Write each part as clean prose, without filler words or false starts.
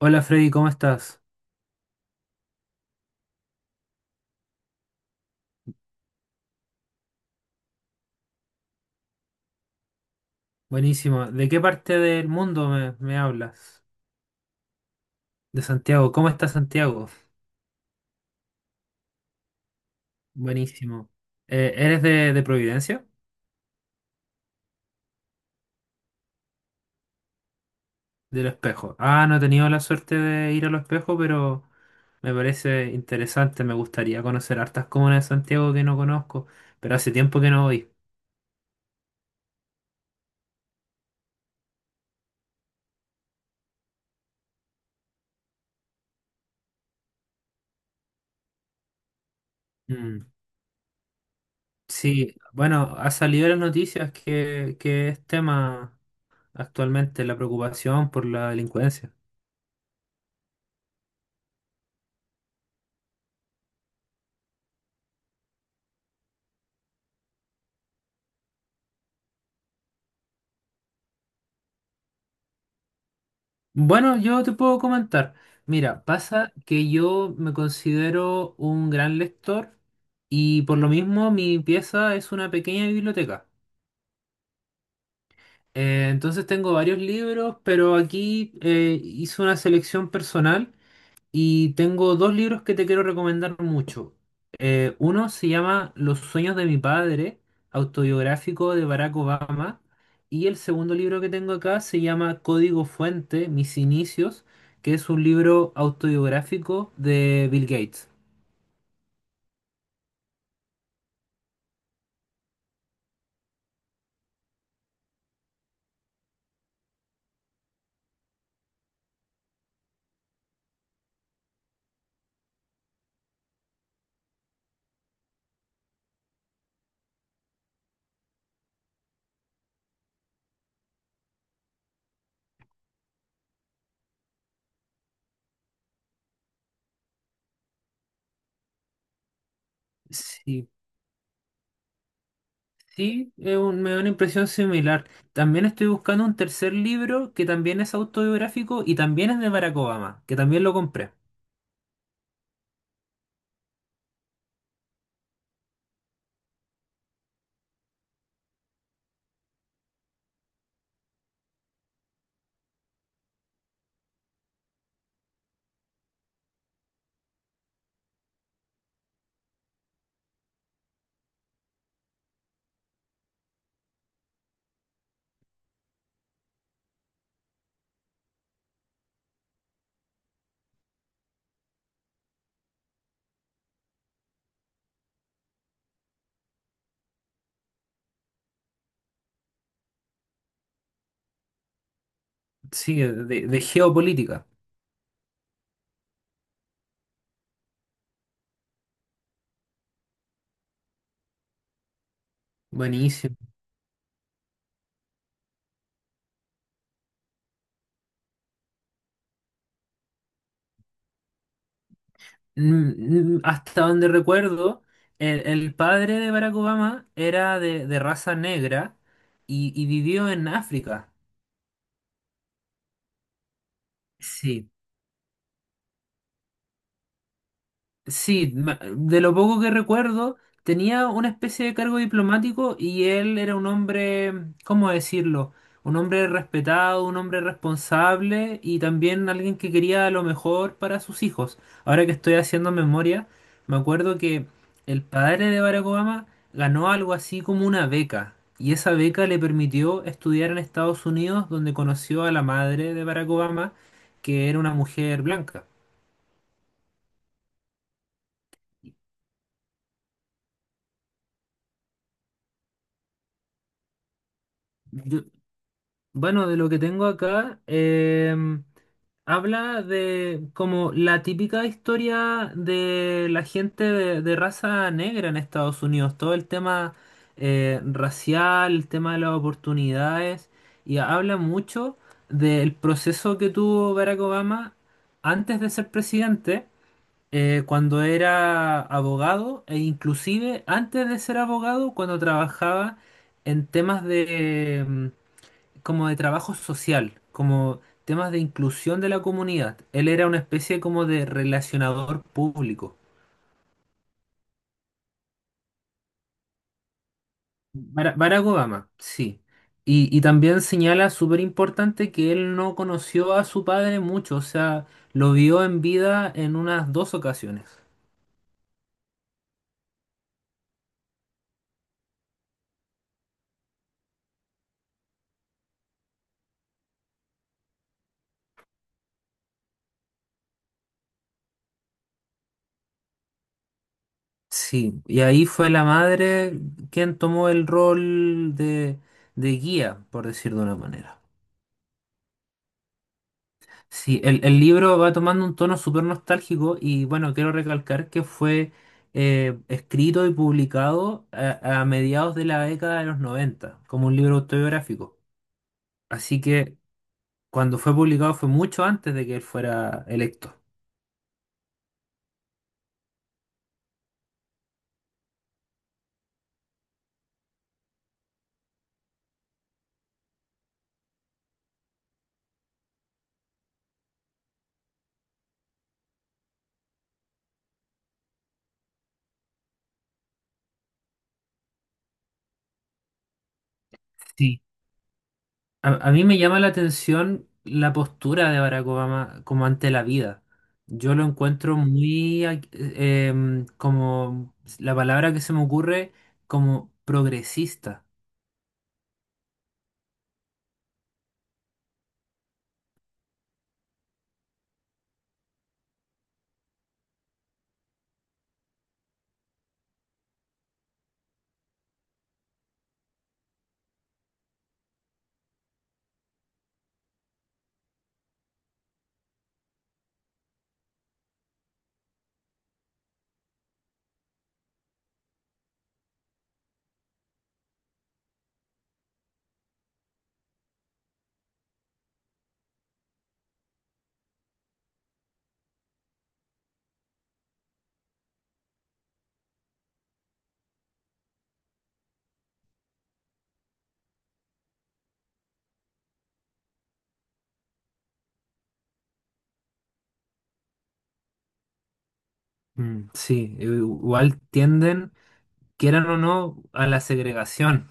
Hola Freddy, ¿cómo estás? Buenísimo. ¿De qué parte del mundo me hablas? De Santiago. ¿Cómo está Santiago? Buenísimo. ¿Eres de Providencia? Del Espejo. Ah, no he tenido la suerte de ir al Espejo, pero me parece interesante. Me gustaría conocer hartas comunas de Santiago que no conozco, pero hace tiempo que no voy. Mm. Sí, bueno, ha salido en las noticias que es tema actualmente la preocupación por la delincuencia. Bueno, yo te puedo comentar. Mira, pasa que yo me considero un gran lector y por lo mismo mi pieza es una pequeña biblioteca. Entonces tengo varios libros, pero aquí hice una selección personal y tengo dos libros que te quiero recomendar mucho. Uno se llama Los sueños de mi padre, autobiográfico de Barack Obama. Y el segundo libro que tengo acá se llama Código Fuente, Mis inicios, que es un libro autobiográfico de Bill Gates. Sí, sí, es un- me da una impresión similar. También estoy buscando un tercer libro que también es autobiográfico y también es de Barack Obama, que también lo compré. Sí, de geopolítica. Buenísimo. Mm, mm. Hasta donde recuerdo, el padre de Barack Obama era de raza negra y vivió en África. Sí. Sí, ma- de lo poco que recuerdo, tenía una especie de cargo diplomático y él era un hombre, ¿cómo decirlo? Un hombre respetado, un hombre responsable y también alguien que quería lo mejor para sus hijos. Ahora que estoy haciendo memoria, me acuerdo que el padre de Barack Obama ganó algo así como una beca y esa beca le permitió estudiar en Estados Unidos donde conoció a la madre de Barack Obama, que era una mujer blanca. Bueno, de lo que tengo acá, habla de como la típica historia de la gente de raza negra en Estados Unidos, todo el tema racial, el tema de las oportunidades, y habla mucho del proceso que tuvo Barack Obama antes de ser presidente, cuando era abogado, e inclusive antes de ser abogado, cuando trabajaba en temas de... como de trabajo social, como temas de inclusión de la comunidad. Él era una especie como de relacionador público. Bara- Barack Obama, sí. Y también señala súper importante que él no conoció a su padre mucho, o sea, lo vio en vida en unas dos ocasiones. Sí, y ahí fue la madre quien tomó el rol de guía, por decir de una manera. Sí, el libro va tomando un tono súper nostálgico y bueno, quiero recalcar que fue escrito y publicado a mediados de la década de los 90 como un libro autobiográfico. Así que cuando fue publicado fue mucho antes de que él fuera electo. Sí. A mí me llama la atención la postura de Barack Obama como ante la vida. Yo lo encuentro muy, ac- como la palabra que se me ocurre, como progresista. Mm. Sí, i- igual tienden, quieran o no, a la segregación.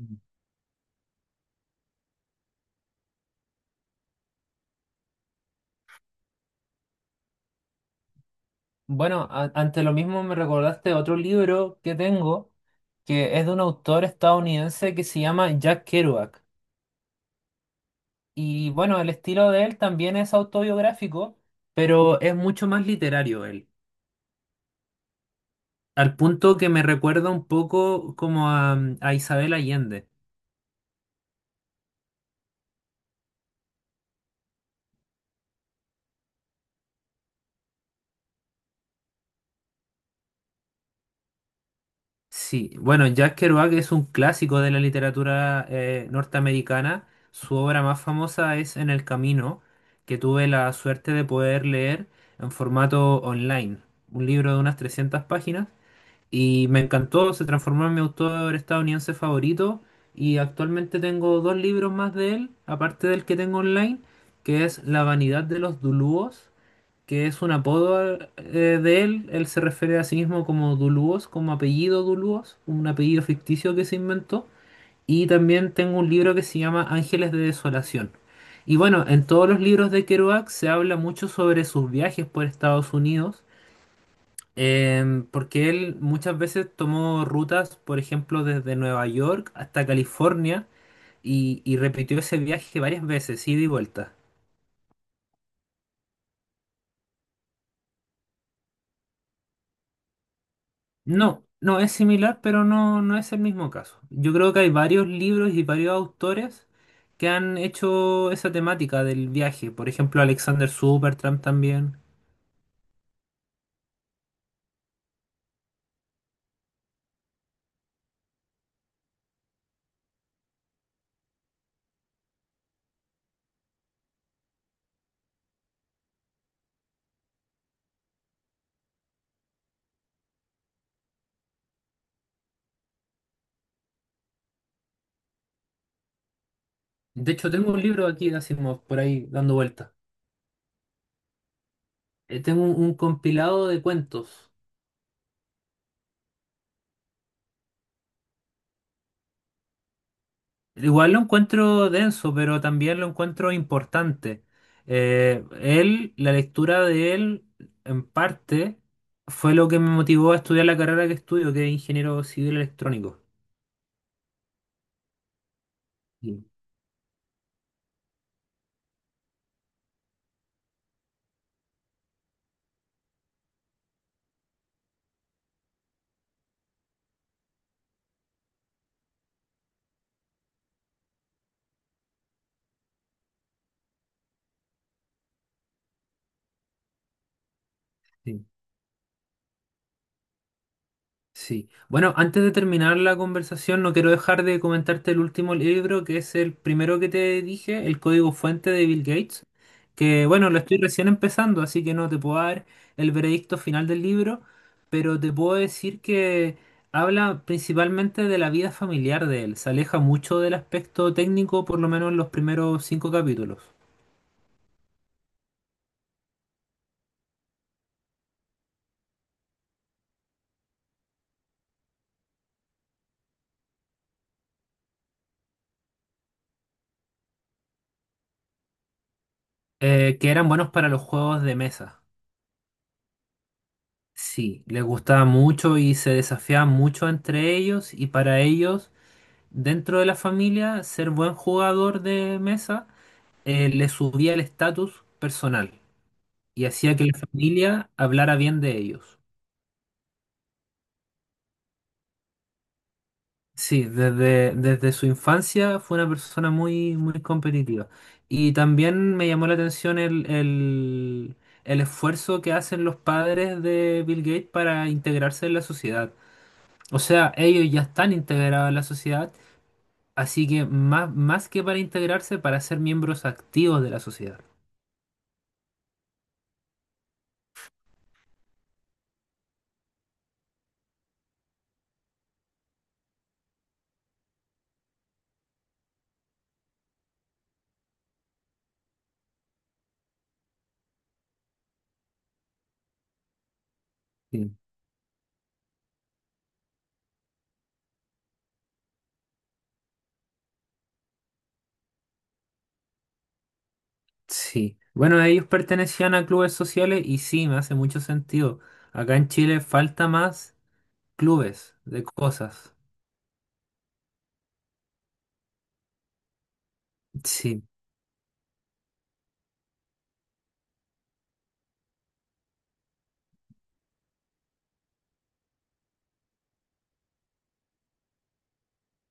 Mm. Bueno, a- ante lo mismo me recordaste otro libro que tengo, que es de un autor estadounidense que se llama Jack Kerouac. Y bueno, el estilo de él también es autobiográfico, pero es mucho más literario él, al punto que me recuerda un poco como a Isabel Allende. Sí, bueno, Jack Kerouac es un clásico de la literatura norteamericana. Su obra más famosa es En el Camino, que tuve la suerte de poder leer en formato online, un libro de unas 300 páginas, y me encantó, se transformó en mi autor estadounidense favorito, y actualmente tengo dos libros más de él, aparte del que tengo online, que es La vanidad de los Dulúos, que es un apodo de él. Él se refiere a sí mismo como Dulúos, como apellido Dulúos, un apellido ficticio que se inventó. Y también tengo un libro que se llama Ángeles de Desolación. Y bueno, en todos los libros de Kerouac se habla mucho sobre sus viajes por Estados Unidos, porque él muchas veces tomó rutas, por ejemplo, desde Nueva York hasta California y repitió ese viaje varias veces, ida y vuelta. No, no es similar, pero no, no es el mismo caso. Yo creo que hay varios libros y varios autores que han hecho esa temática del viaje. Por ejemplo, Alexander Supertramp también. De hecho, tengo un libro aquí de Asimov por ahí dando vuelta. Tengo un compilado de cuentos. Igual lo encuentro denso, pero también lo encuentro importante. Él, la lectura de él, en parte, fue lo que me motivó a estudiar la carrera que estudio, que es ingeniero civil electrónico. Sí, sí. Bueno, antes de terminar la conversación, no quiero dejar de comentarte el último libro, que es el primero que te dije, El Código Fuente de Bill Gates, que bueno, lo estoy recién empezando, así que no te puedo dar el veredicto final del libro, pero te puedo decir que habla principalmente de la vida familiar de él, se aleja mucho del aspecto técnico, por lo menos en los primeros cinco capítulos, que eran buenos para los juegos de mesa. Sí, les gustaba mucho y se desafiaban mucho entre ellos y para ellos, dentro de la familia, ser buen jugador de mesa les subía el estatus personal y hacía que la familia hablara bien de ellos. Sí, desde, desde su infancia fue una persona muy, muy competitiva. Y también me llamó la atención el esfuerzo que hacen los padres de Bill Gates para integrarse en la sociedad. O sea, ellos ya están integrados en la sociedad. Así que más, más que para integrarse, para ser miembros activos de la sociedad. Sí. Sí. Bueno, ellos pertenecían a clubes sociales y sí, me hace mucho sentido. Acá en Chile falta más clubes de cosas. Sí.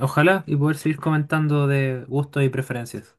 Ojalá y poder seguir comentando de gustos y preferencias.